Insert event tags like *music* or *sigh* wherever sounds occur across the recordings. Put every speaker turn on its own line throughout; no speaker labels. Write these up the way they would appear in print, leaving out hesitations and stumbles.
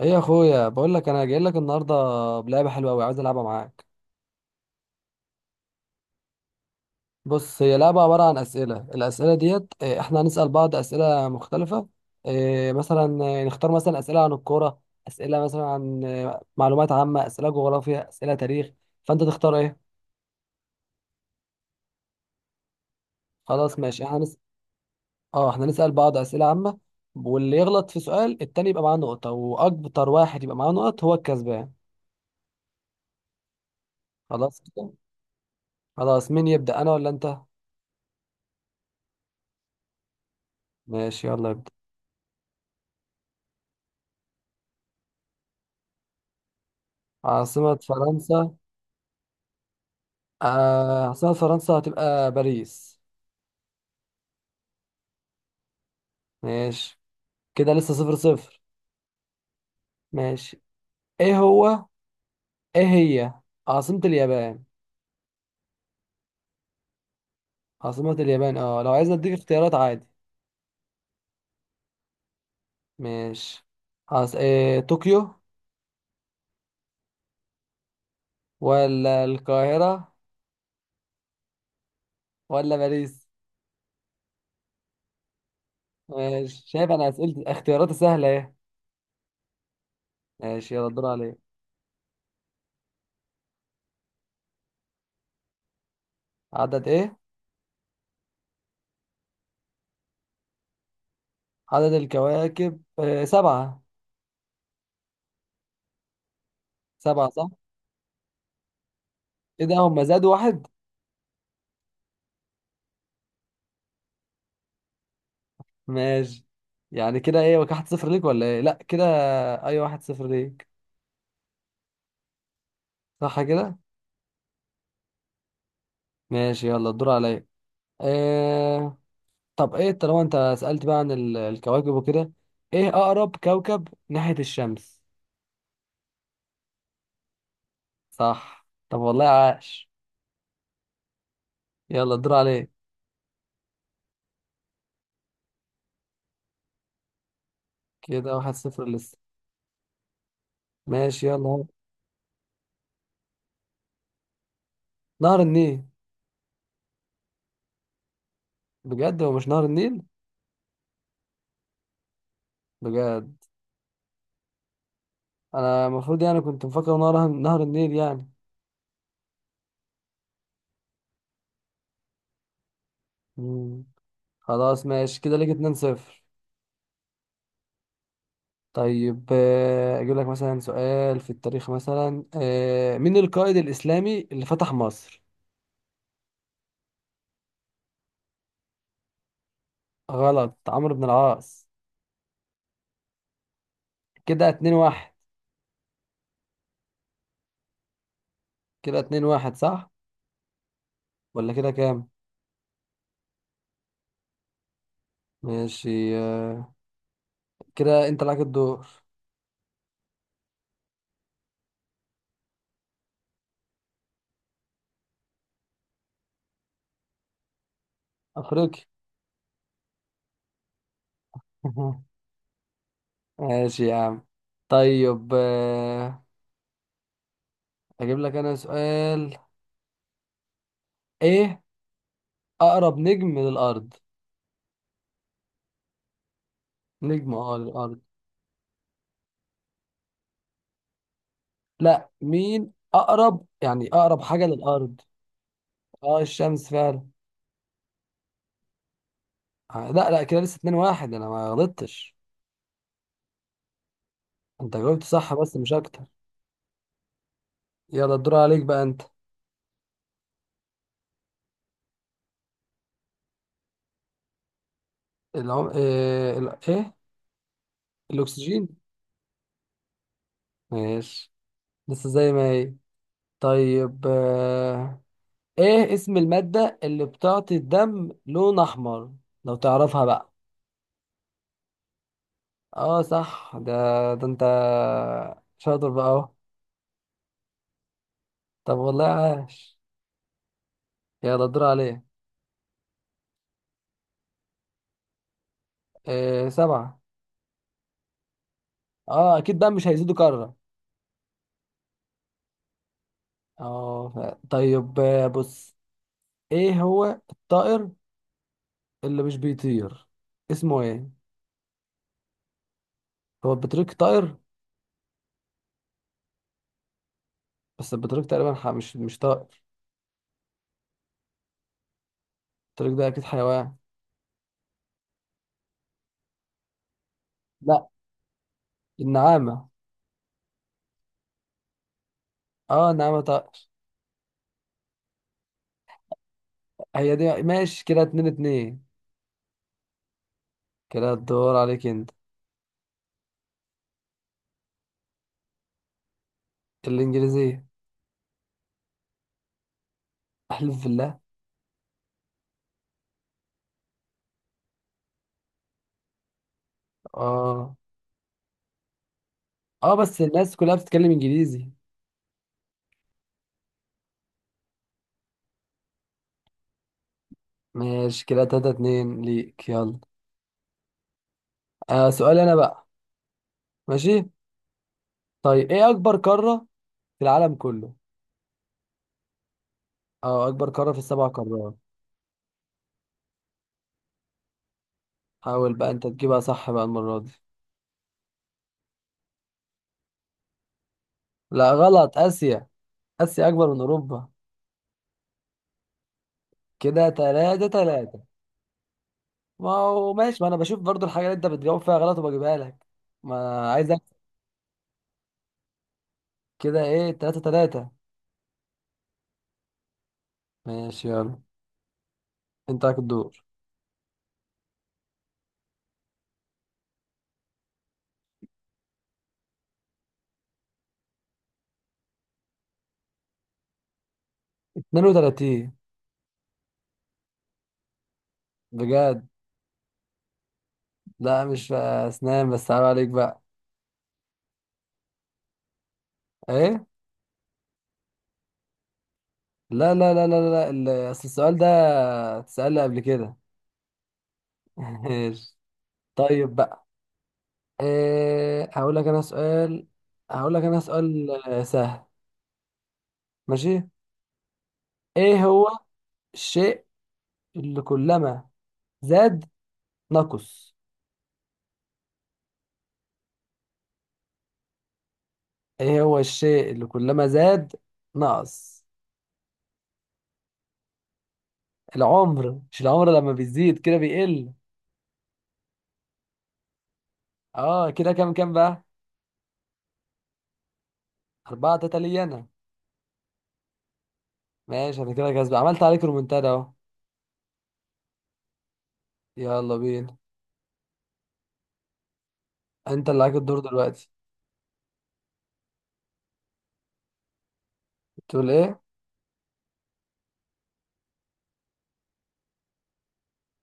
ايه يا اخويا بقول لك انا جاي لك النهارده بلعبه حلوه قوي عايز العبها معاك. بص، هي لعبه عباره عن اسئله. الاسئله ديت احنا هنسال بعض اسئله مختلفه. إيه، مثلا إيه، نختار مثلا اسئله عن الكوره، اسئله مثلا عن معلومات عامه، اسئله جغرافيا، اسئله تاريخ، فانت تختار ايه؟ خلاص ماشي، اه احنا نسال بعض اسئله عامه، واللي يغلط في سؤال التاني يبقى معاه نقطه، واكتر واحد يبقى معاه نقط هو الكسبان. خلاص كده. خلاص مين يبدا انا ولا انت؟ ماشي يلا ابدا. عاصمه فرنسا. عاصمة فرنسا هتبقى باريس. ماشي كده لسه صفر صفر. ماشي. ايه هو ايه هي عاصمة اليابان؟ عاصمة اليابان، اه لو عايز اديك اختيارات عادي. ماشي. طوكيو، ولا القاهرة، ولا باريس. ماشي، شايف انا اسئلة اختياراتي سهلة ايه. ماشي يلا الدور عليك. عدد ايه؟ عدد الكواكب سبعة. سبعة صح، ايه ده هم زادوا واحد؟ ماشي، يعني كده ايه واحد صفر ليك ولا ايه؟ لا كده، اي واحد صفر ليك صح كده. ماشي يلا الدور عليا. آه... طب ايه، طالما انت سألت بقى عن الكواكب وكده، ايه اقرب كوكب ناحية الشمس؟ صح، طب والله عاش. يلا الدور عليك. كده واحد صفر لسه. ماشي يلا. نهر النيل. بجد هو مش نهر النيل؟ بجد؟ انا المفروض يعني كنت مفكر نهر النيل يعني. مم. خلاص ماشي، كده ليك اتنين صفر. طيب اجيب لك مثلا سؤال في التاريخ، مثلا مين القائد الاسلامي اللي فتح مصر؟ غلط، عمرو بن العاص. كده اتنين واحد. كده اتنين واحد صح؟ ولا كده كام؟ ماشي كده انت لك الدور. افريقيا. *laughs* ماشي يا عم. طيب اجيب لك انا سؤال، ايه اقرب نجم للارض؟ نجم، اه، للارض. لا مين اقرب، يعني اقرب حاجة للارض. اه الشمس فعلا. لا لا, كده لسه 2-1، انا ما غلطتش. انت جاوبت صح بس مش اكتر. يلا الدور عليك بقى انت. العم... ايه, ال... إيه؟ الاكسجين. ماشي، لسه زي ما هي. طيب ايه اسم المادة اللي بتعطي الدم لون احمر، لو تعرفها بقى؟ اه صح ده، ده انت شاطر بقى اهو. طب والله عاش. يلا الدور عليك. إيه؟ سبعة. اه اكيد بقى مش هيزيدوا كرة. اه. طيب بص، ايه هو الطائر اللي مش بيطير، اسمه ايه؟ هو البطريق طائر؟ بس البطريق تقريبا مش طائر. البطريق ده اكيد حيوان. لا، النعامة. اه النعامة طائر. هي دي، ماشي كده اتنين اتنين. كده الدور عليك انت. الانجليزية. احلف بالله! اه اه بس الناس كلها بتتكلم انجليزي. ماشي كده تلاتة اتنين ليك، يلا. آه سؤالي انا بقى. ماشي. طيب ايه اكبر قارة في العالم كله؟ اه اكبر قارة في السبع قارات. حاول بقى انت تجيبها صح بقى المرة دي. لا غلط، آسيا. آسيا أكبر من أوروبا. كده تلاتة تلاتة. ما هو ماشي، ما أنا بشوف برضو الحاجة اللي أنت بتجاوب فيها غلط وبجيبها لك. ما أنا عايز أكسب. كده إيه، تلاتة تلاتة. ماشي يلا، أنت عليك الدور. اتنين وتلاتين. بجد. لا مش أسنان، بس عيب عليك بقى. إيه؟ لا لا لا لا لا، أصل السؤال ده اتسأل لي قبل كده. *laughs* ماشي. طيب بقى، إيه، هقول لك أنا سؤال سهل. ماشي. ايه هو الشيء اللي كلما زاد نقص؟ ايه هو الشيء اللي كلما زاد نقص العمر. مش العمر لما بيزيد كده بيقل. اه كده كام كام بقى؟ أربعة تلاتة ليا أنا. ماشي، أنا كده كسب، عملت عليك رومنتادا أهو. يلا بينا، أنت اللي عليك الدور دلوقتي. بتقول إيه؟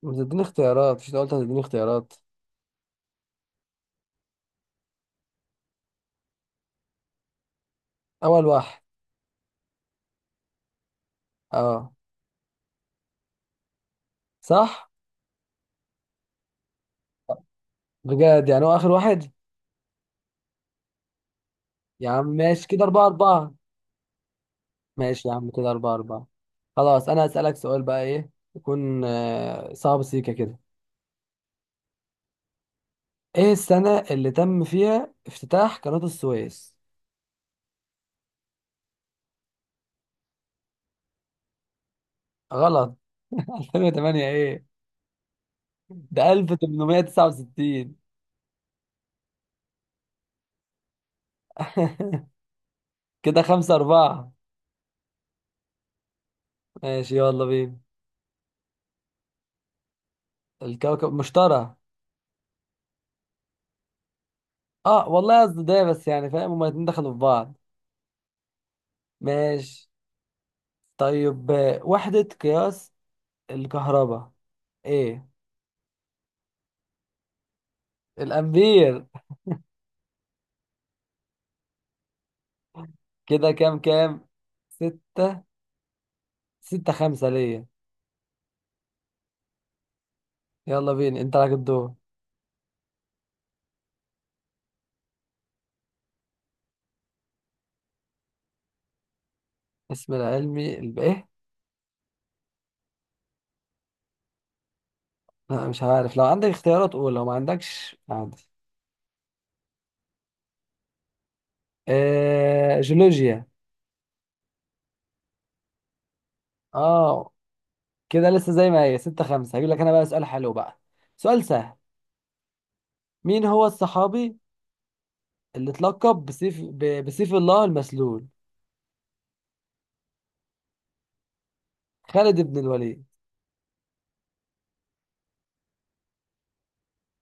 بتديني اختيارات، مش أنت قلت هتديني اختيارات؟ أول واحد. أه. صح؟ بجد، يعني هو آخر واحد؟ يا عم ماشي، كده أربعة أربعة. ماشي يا عم كده أربعة أربعة. خلاص أنا هسألك سؤال بقى، إيه يكون صعب سيكا كده. إيه السنة اللي تم فيها افتتاح قناة السويس؟ غلط. *laughs* 2008 إيه؟ ده 1869. *laughs* كده خمسة أربعة. ماشي يلا بينا. الكوكب مشتري. اه والله قصدي ده، بس يعني فاهم هما الاتنين دخلوا في بعض. ماشي. طيب وحدة قياس الكهرباء ايه؟ الأمبير. *laughs* كده كام كام؟ ستة. ستة خمسة ليا. يلا بينا، انت لك الدور. ايه. لا مش عارف، لو عندك اختيارات قول، لو ما عندكش عادي. آه جيولوجيا. اه كده لسه زي ما هي، ستة خمسة. هجيب لك انا بقى سؤال حلو بقى، سؤال سهل. مين هو الصحابي اللي اتلقب بسيف الله المسلول؟ خالد بن الوليد.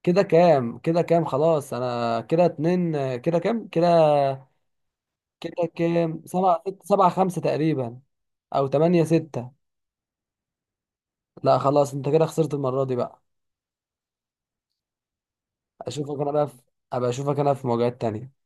كده كام، كده كام، خلاص انا كده اتنين، كده كام كده؟ سبعة خمسة تقريبا. او تمانية ستة. لا خلاص، انت كده خسرت المرة دي بقى. اشوفك انا بقى في... ابقى اشوفك انا في مواجهات تانية.